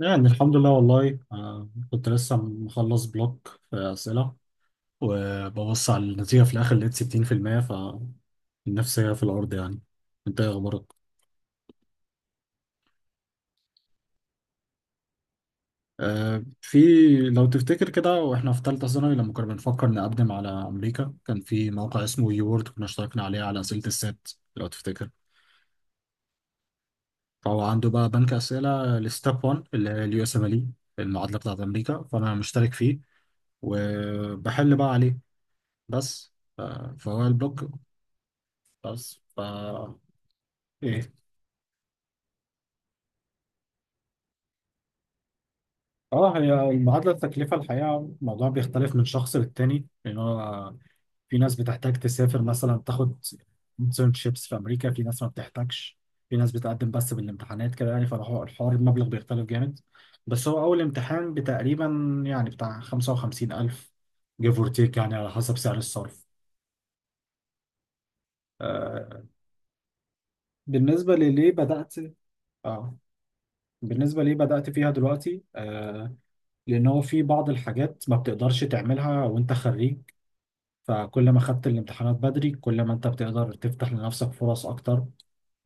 يعني الحمد لله والله، كنت لسه مخلص بلوك في أسئلة، وببص على النتيجة في الآخر لقيت 60%. فالنفسية في الأرض يعني. أنت إيه أخبارك؟ آه، في لو تفتكر كده وإحنا في تالتة ثانوي لما كنا بنفكر نقدم على أمريكا، كان في موقع اسمه يورد كنا اشتركنا عليه على أسئلة السات. لو تفتكر؟ فهو عنده بقى بنك أسئلة لستيب 1 اللي هي اليو اس ام ال، المعادلة بتاعت أمريكا. فأنا مشترك فيه وبحل بقى عليه. بس فهو البلوك. بس ايه. اه، هي المعادله، التكلفه الحقيقه الموضوع بيختلف من شخص للتاني، لان هو في ناس بتحتاج تسافر مثلا، تاخد internships في امريكا، في ناس ما بتحتاجش، في ناس بتقدم بس بالامتحانات كده يعني. فالحوار المبلغ بيختلف جامد. بس هو اول امتحان بتقريبا يعني بتاع 55,000 give or take يعني على حسب سعر الصرف. آه بالنسبه لليه بدات اه، بالنسبه ليه بدات فيها دلوقتي، لان هو في بعض الحاجات ما بتقدرش تعملها وانت خريج. فكل ما خدت الامتحانات بدري، كل ما انت بتقدر تفتح لنفسك فرص اكتر.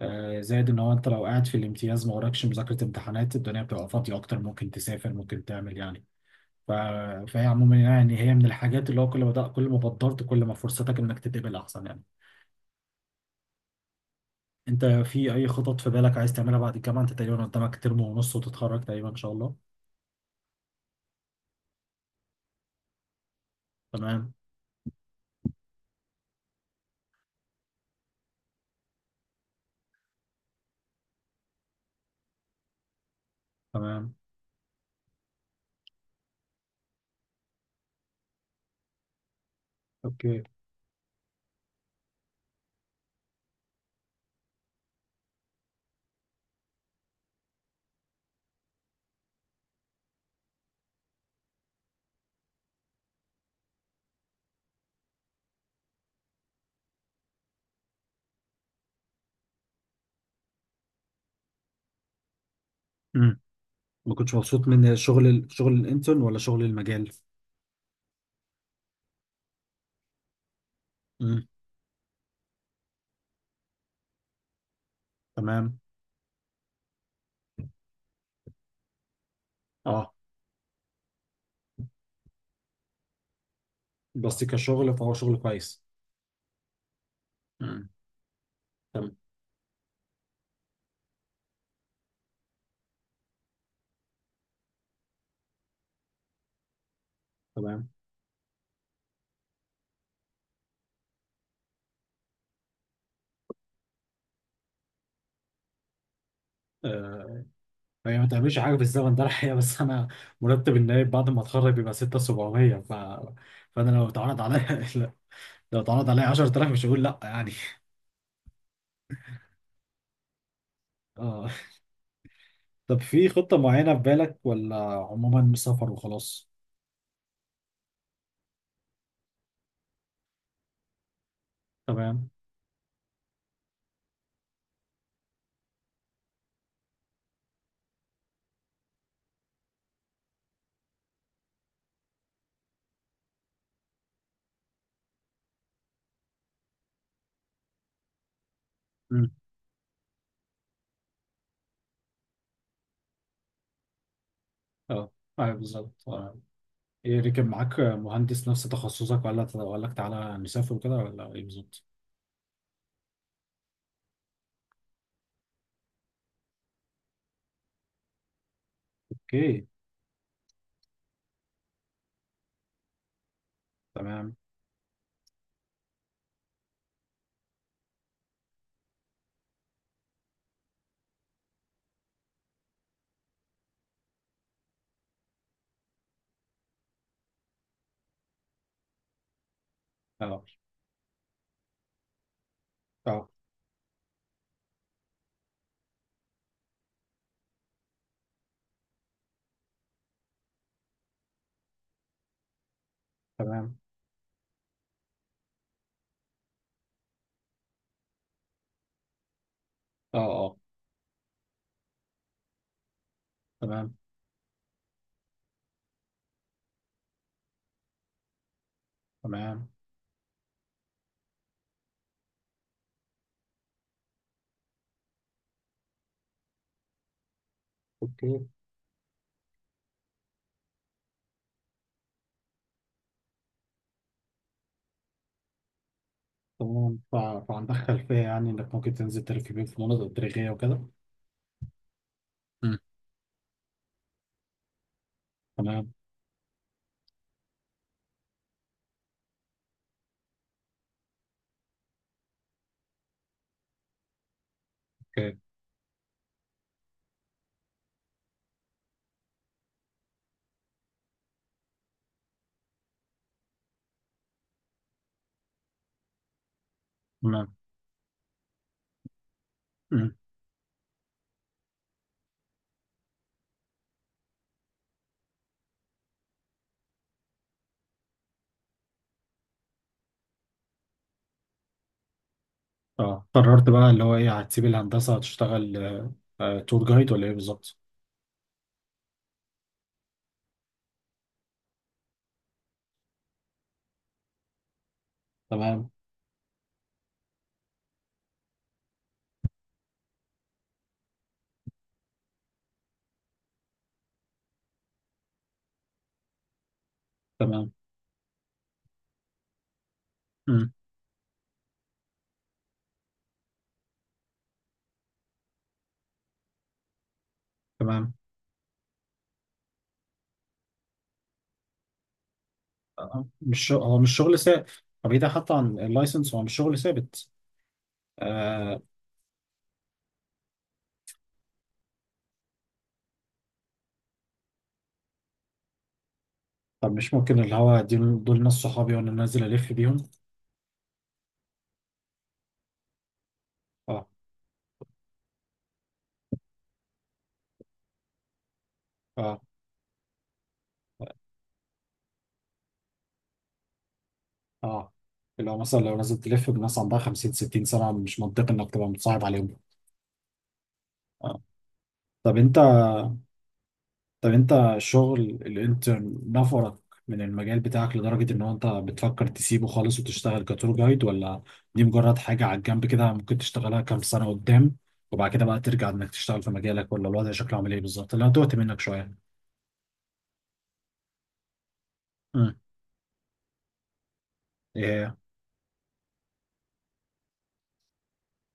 زائد ان هو انت لو قاعد في الامتياز، ما وراكش مذاكرة امتحانات، الدنيا بتبقى فاضية اكتر، ممكن تسافر ممكن تعمل يعني. ف... فهي عموما يعني هي من الحاجات اللي هو كل ما بدرت، كل ما فرصتك انك تتقبل احسن يعني. انت في اي خطط في بالك عايز تعملها بعد الجامعة؟ انت تقريبا قدامك ترم ونص وتتخرج تقريبا ان شاء الله. تمام. تمام. اوكي. ما كنتش مبسوط من شغل الانترن ولا شغل المجال؟ امم. تمام. اه. بس كشغل فهو شغل كويس. امم. تمام. تمام. آه هي ما تعملش حاجه في الزمن ده الحقيقه، بس انا مرتب النايب بعد ما اتخرج بيبقى 6,700. فانا لو اتعرض عليا لا، لو اتعرض عليا 10,000 مش هقول لا يعني. اه. طب في خطه معينه في بالك، ولا عموما سفر وخلاص؟ تمام. امم. اه. ايوه بالظبط. آه. ايه، ركب معاك مهندس نفس تخصصك، ولا لك تعالى نسافر كده، ولا ايه بالظبط؟ اوكي. تمام. اه. اه. تمام. اه. اه. تمام. تمام. اوكي. تمام. فعندك خلفية يعني، انك ممكن تنزل تلف بيهم في مناطق تاريخية وكده. مم. تمام. اوكي. تمام. مم. اه، قررت بقى اللي هو ايه، هتسيب الهندسة هتشتغل تور جايد ولا ايه بالظبط؟ تمام. تمام. مم. تمام. مش هو مش شغل ثابت. طب ايه ده حتى عن اللايسنس، هو مش شغل ثابت. آه، طب مش ممكن اللي هو دول ناس صحابي وانا نازل الف بيهم. اه. اه. اه. اللي هو مثلا لو نازل تلف بناس عندها 50 60 سنه، مش منطقي انك تبقى متصاحب عليهم. اه. طب انت طب انت الشغل الانترن نفرك من المجال بتاعك لدرجه ان هو انت بتفكر تسيبه خالص وتشتغل كتور جايد، ولا دي مجرد حاجه على الجنب كده ممكن تشتغلها كام سنه قدام، وبعد كده بقى ترجع انك تشتغل في مجالك؟ ولا الوضع شكله عامل ايه بالظبط، اللي هتوهت منك شويه؟ امم.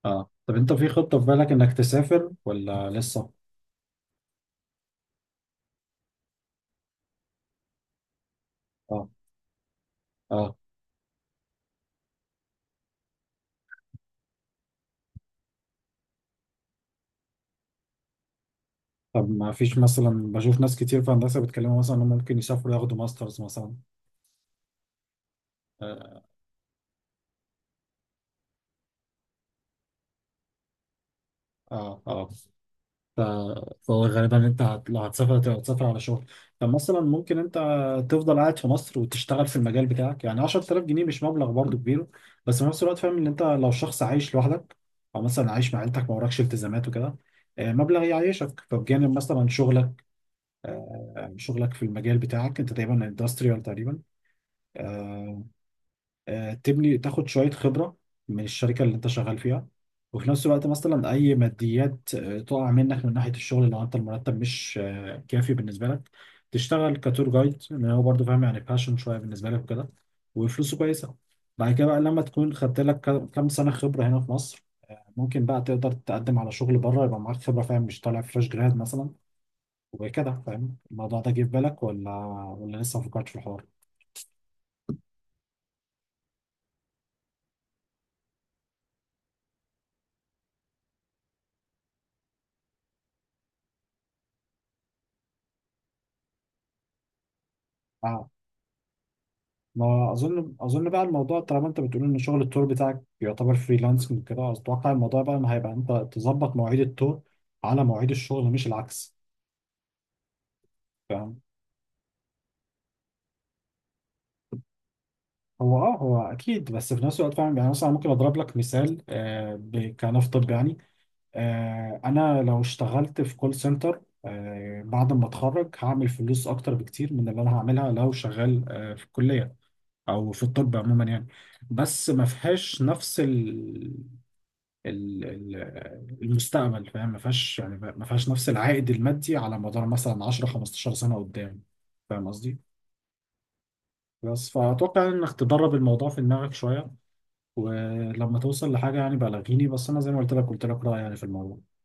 اه. طب انت في خطة في بالك انك تسافر ولا لسه؟ اه. اه. طب ما فيش، مثلا بشوف ناس كتير في هندسة بيتكلموا مثلا انهم ممكن يسافروا ياخدوا ماسترز مثلا. اه. اه. آه. ف- فهو غالبا انت لو هتسافر هتسافر على شغل. طب مثلا ممكن انت تفضل قاعد في مصر وتشتغل في المجال بتاعك، يعني 10,000 جنيه مش مبلغ برضه كبير. بس في نفس الوقت فاهم ان انت لو شخص عايش لوحدك، او مثلا عايش مع عيلتك ما وراكش التزامات وكده، مبلغ يعيشك فبجانب مثلا شغلك. آه، يعني شغلك في المجال بتاعك، انت تقريبا اندستريال تقريبا. آه، تبني تاخد شوية خبرة من الشركة اللي انت شغال فيها، وفي نفس الوقت مثلا اي ماديات تقع منك من ناحية الشغل، لو انت المرتب مش كافي بالنسبة لك، تشتغل كتور جايد، لان هو برضه فاهم يعني باشن شوية بالنسبة لك وكده، وفلوسه كويسة. بعد كده بقى لما تكون خدت لك كام سنة خبرة هنا في مصر، ممكن بقى تقدر تقدم على شغل بره، يبقى معاك خبرة فاهم، مش طالع فريش جراد مثلا وكده فاهم. الموضوع ده جه في بالك، ولا ولا لسه ما فكرتش في الحوار؟ اه. ما اظن بقى الموضوع، طالما انت بتقول ان شغل التور بتاعك يعتبر فريلانسنج كده، اتوقع الموضوع بقى ان هيبقى انت تظبط مواعيد التور على مواعيد الشغل مش العكس. فاهم. هو اكيد، بس في نفس الوقت فاهم يعني، مثلا ممكن اضرب لك مثال. كنفترض يعني، انا لو اشتغلت في كول سنتر بعد ما اتخرج هعمل فلوس اكتر بكتير من اللي انا هعملها لو شغال في الكليه او في الطب عموما يعني. بس ما فيهاش نفس المستقبل فاهم، ما فيهاش يعني ما فيهاش نفس العائد المادي على مدار مثلا 10 15 سنة قدام. فاهم قصدي؟ بس فأتوقع إنك تدرب الموضوع في دماغك شوية، ولما توصل لحاجة يعني بلغيني. بس أنا زي ما قلت لك، رأيي يعني في الموضوع.